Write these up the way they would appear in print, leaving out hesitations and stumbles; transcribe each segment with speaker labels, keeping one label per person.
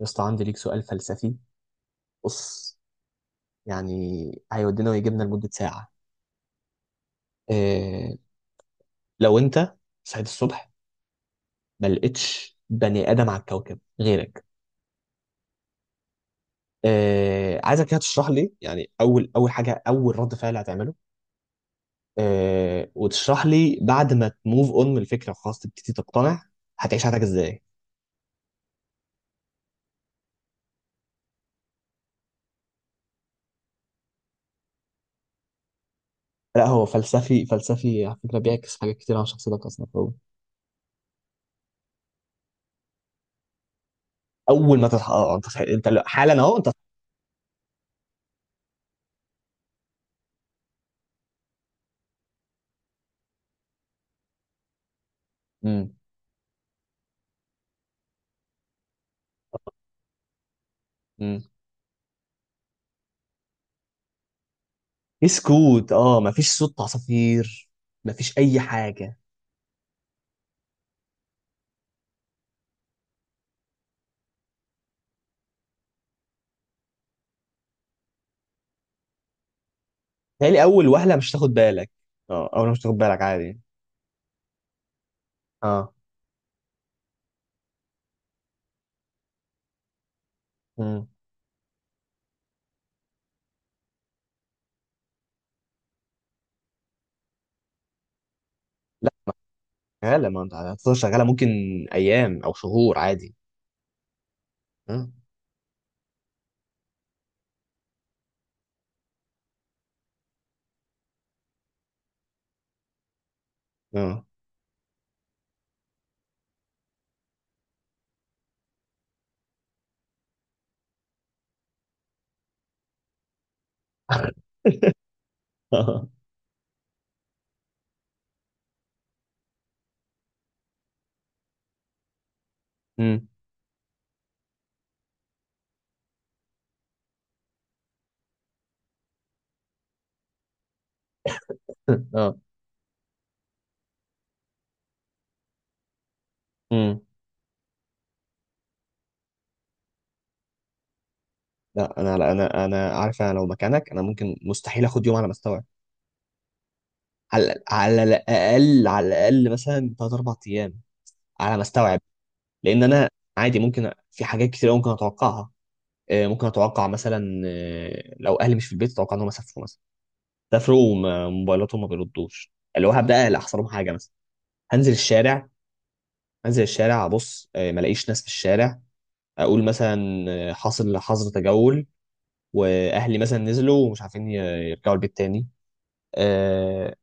Speaker 1: يا اسطى عندي ليك سؤال فلسفي. بص، يعني هيودينا ويجيبنا لمدة ساعة. إيه، لو انت صحيت الصبح ما لقيتش بني آدم على الكوكب غيرك، إيه عايزك كده تشرح لي يعني اول حاجة، اول رد فعل هتعمله إيه، وتشرح لي بعد ما تموف اون من الفكرة خلاص تبتدي تقتنع هتعيش حياتك ازاي. لا هو فلسفي فلسفي على فكرة، بيعكس حاجات كتير عن شخصيتك اصلا هو. اول ما تصحى اه انت انت حالا اهو انت. امم، اسكوت، اه مفيش صوت عصافير، مفيش اي حاجه. تهيألي اول وهله مش تاخد بالك. اه، اول مش تاخد بالك عادي. اه. مم. لا شغاله، ما انت هتفضل شغاله، ممكن ايام او شهور عادي. اه. اه. اه. مم. آه. مم. لا انا، لا انا، انا عارف لو مكانك انا ممكن، مستحيل اخد يوم على ما استوعب. على على الاقل، على الاقل مثلا 3-4 ايام على ما استوعب. لان انا عادي ممكن في حاجات كتير أوي ممكن اتوقعها. آه، ممكن اتوقع مثلا آه، لو اهلي مش في البيت اتوقع ان هم سافروا مثلا، سافروا وموبايلاتهم ما بيردوش، اللي هو هبدا اقلق احصل لهم حاجه مثلا. هنزل الشارع، هنزل الشارع ابص آه، ما الاقيش ناس في الشارع، اقول مثلا آه، حاصل حظر تجول واهلي مثلا نزلوا ومش عارفين يرجعوا البيت تاني. اه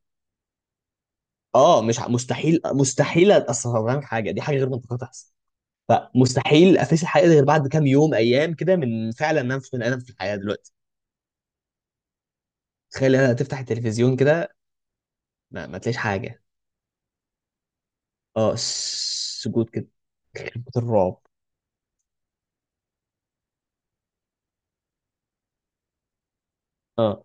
Speaker 1: آه، مش ع- مستحيل، مستحيل اصلا حاجه دي، حاجه غير منطقيه تحصل. فمستحيل افيس الحقيقه دي غير بعد كام يوم، ايام كده، من فعلا ان انا مش بني ادم في الحياه دلوقتي. تخيل انا تفتح التلفزيون كده ما تلاقيش حاجه. اه سجود كده، كلمة الرعب. اه.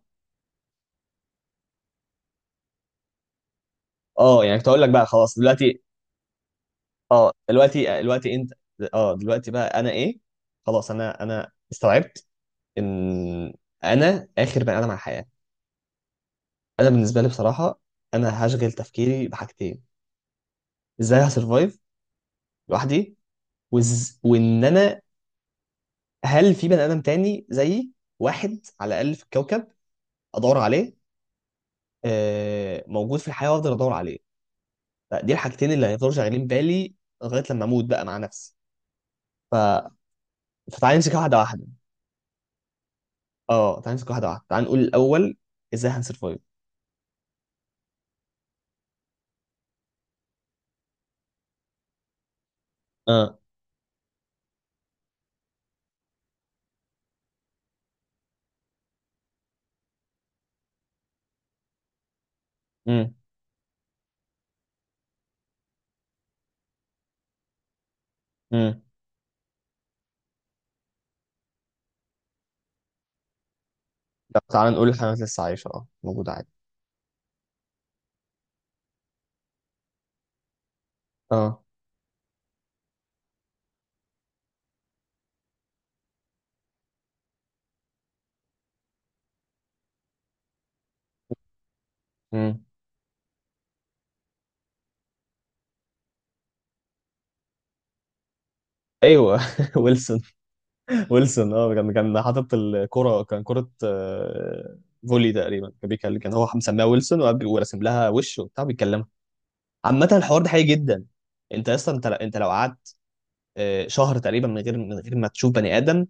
Speaker 1: اه يعني كنت اقول لك بقى خلاص دلوقتي. اه دلوقتي آه، دلوقتي انت. اه دلوقتي بقى انا ايه، خلاص انا استوعبت ان انا اخر بني ادم على الحياة. انا بالنسبة لي بصراحة، انا هشغل تفكيري بحاجتين. ازاي هسرفايف لوحدي، وان انا هل في بني ادم تاني زيي، واحد على الاقل في الكوكب ادور عليه، آه موجود في الحياة وافضل ادور عليه. فدي الحاجتين اللي هيفضلوا شغالين بالي لغايه لما اموت بقى مع نفسي. ف... فتعالى نمسك واحده واحده. اه تعالى نمسك واحده واحده، تعالى نقول الاول ازاي هنسرفايف. اه. امم امم. لا تعالى نقول الحيوانات لسه عايشه، اه موجوده عادي. اه. امم. ايوه، ويلسون. ويلسون اه كان كان حاطط الكره، كان كره آه، فولي تقريبا، كان بيكلم، كان هو مسميها ويلسون وقاعد وراسم لها وش وبتاع بيتكلمها. عامه الحوار ده حقيقي جدا، انت اصلا انت انت لو قعدت آه، شهر تقريبا من غير ما تشوف بني ادم،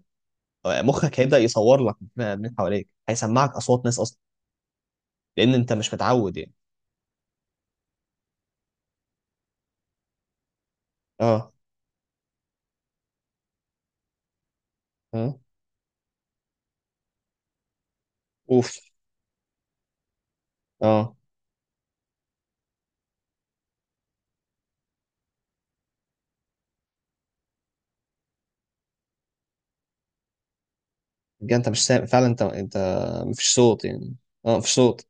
Speaker 1: مخك هيبدأ يصور لك من حواليك، هيسمعك أصوات ناس أصلا، لأن أنت مش متعود يعني. اه. اه. اوف. اه. بجد انت مش سامع فعلا، انت انت مفيش صوت يعني. اه مفيش صوت.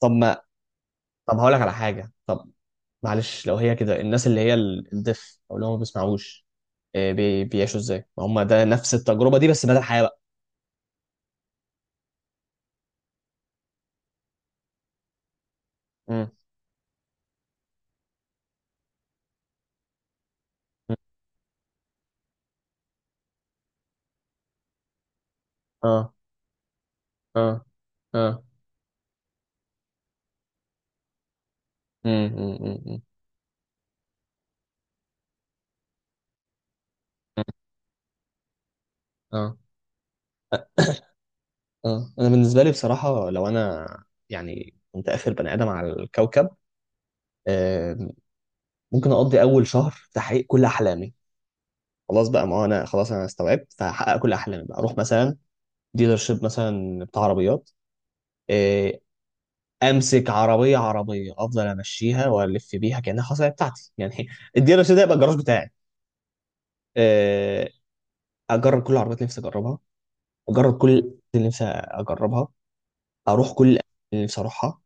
Speaker 1: طب ما، طب هقول لك على حاجة، طب معلش، لو هي كده الناس اللي هي الدف أو اللي هم ما بيسمعوش آه، بيعيشوا ازاي؟ ما هم ده نفس التجربة دي بس بدل الحياة بقى. امم. اه اه اه. امم. امم. اه انا بالنسبه لي بصراحه لو انا يعني كنت اخر بني ادم على الكوكب آه، ممكن اقضي اول شهر في تحقيق كل احلامي. خلاص بقى، ما هو انا خلاص انا استوعبت، فهحقق كل احلامي بقى، اروح مثلا ديلرشيب مثلا بتاع عربيات آه، امسك عربيه، عربيه افضل امشيها والف بيها كانها خلاص هي بتاعتي يعني. الديلرشيب ده يبقى الجراج بتاعي آه، اجرب كل العربيات اللي نفسي اجربها، اجرب كل اللي نفسي اجربها، اروح كل الأماكن اللي نفسي اروحها.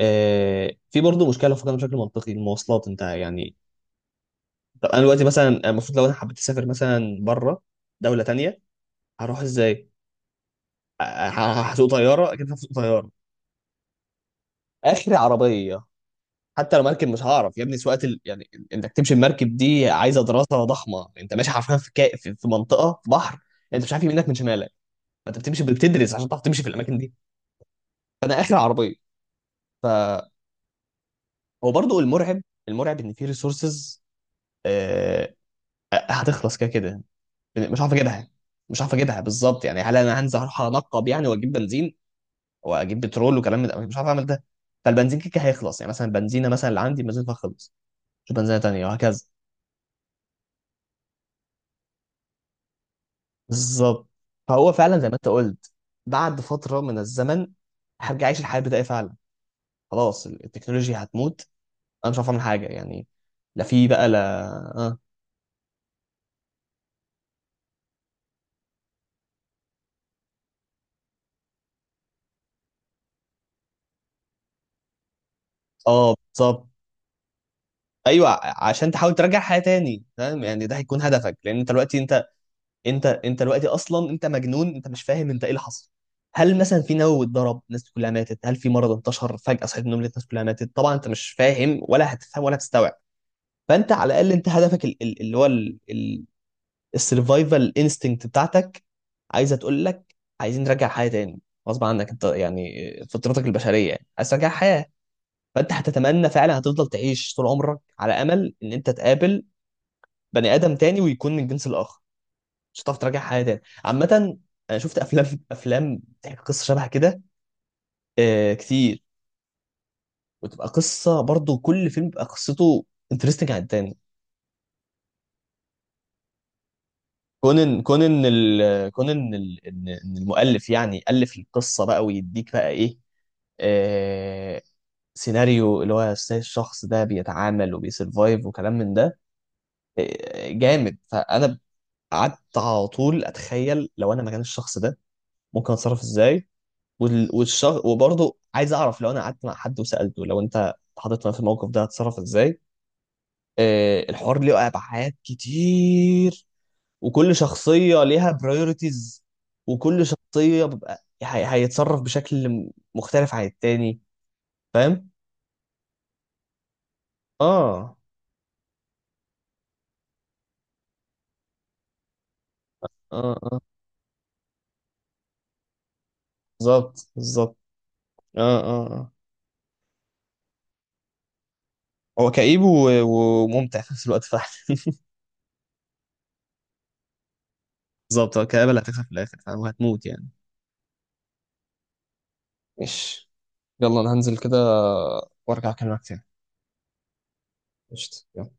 Speaker 1: آه، في برضه مشكله لو فكرنا بشكل منطقي، المواصلات انت يعني. طب انا دلوقتي مثلا المفروض لو انا حبيت اسافر مثلا بره، دوله تانية، هروح ازاي؟ ه- هسوق طياره، اكيد هسوق طياره. اخر عربيه، حتى لو مركب مش هعرف يا ابني سواقه يعني انك تمشي بمركب دي عايزه دراسه ضخمه، انت ماشي حرفيا في في منطقه في بحر، انت مش عارف يمينك من شمالك، فانت بتمشي بتدرس عشان تعرف تمشي في الاماكن دي. فانا اخر عربيه. فهو برضه المرعب، المرعب ان في ريسورسز هتخلص كده كده. مش عارف اجيبها، مش عارف اجيبها بالظبط، يعني هل انا هنزل اروح انقب يعني واجيب بنزين واجيب بترول وكلام من ده، مش عارف اعمل ده. فالبنزين كده كده هيخلص، يعني مثلا البنزينه مثلا اللي عندي بنزينها خلص، شوف بنزينه تانيه، وهكذا. بالظبط. فهو فعلا زي ما انت قلت، بعد فتره من الزمن هرجع اعيش الحياه البدائيه فعلا، خلاص التكنولوجيا هتموت، انا مش عارف اعمل حاجه يعني. لا في بقى، لا. اه. اه بالظبط، ايوه. عشان تحاول ترجع حياه تاني، فاهم يعني، ده هيكون هدفك، لان انت دلوقتي انت، انت انت دلوقتي اصلا انت مجنون، انت مش فاهم انت ايه اللي حصل. هل مثلا في نووي اتضرب الناس كلها ماتت، هل في مرض انتشر فجأة صحيت من النوم لقيت الناس كلها ماتت، طبعا انت مش فاهم ولا هتفهم ولا هتستوعب. فانت على الاقل انت هدفك اللي هو السرفايفل انستنكت بتاعتك، عايزه تقول لك عايزين نرجع حياه تاني، غصب عنك انت يعني، فطرتك البشريه يعني عايز ترجع حياه. فانت هتتمنى فعلا، هتفضل تعيش طول عمرك على امل ان انت تقابل بني ادم تاني ويكون من الجنس الاخر. مش هتعرف تراجع حاجه تاني عامه. انا شفت افلام، افلام بتحكي قصه شبه كده. آه كتير. وتبقى قصه برضو، كل فيلم بيبقى قصته انترستنج عن التاني. كون ان كون ان ال- كون ان ال- ان إن المؤلف يعني الف القصه بقى ويديك بقى ايه آه، سيناريو اللي هو إزاي الشخص ده بيتعامل وبيسرفايف وكلام من ده آه، جامد. فانا قعدت على طول اتخيل لو انا مكان الشخص ده ممكن اتصرف ازاي. وبرضه عايز اعرف لو انا قعدت مع حد وسالته لو انت اتحطيت في الموقف ده هتتصرف ازاي. آه الحوار ليه ابعاد كتير، وكل شخصيه ليها برايورتيز، وكل شخصيه بيبقى هي... هيتصرف بشكل مختلف عن التاني، فاهم. اه اه اه بالظبط، بالظبط. اه اه اه. هو كئيب وممتع في نفس الوقت فعلا. بالظبط، هو الكآبة اللي هتكسب في الآخر، فاهم، وهتموت يعني. ماشي، يلا أنا هنزل كده وأرجع أكلمك تاني. قشطة، يلا.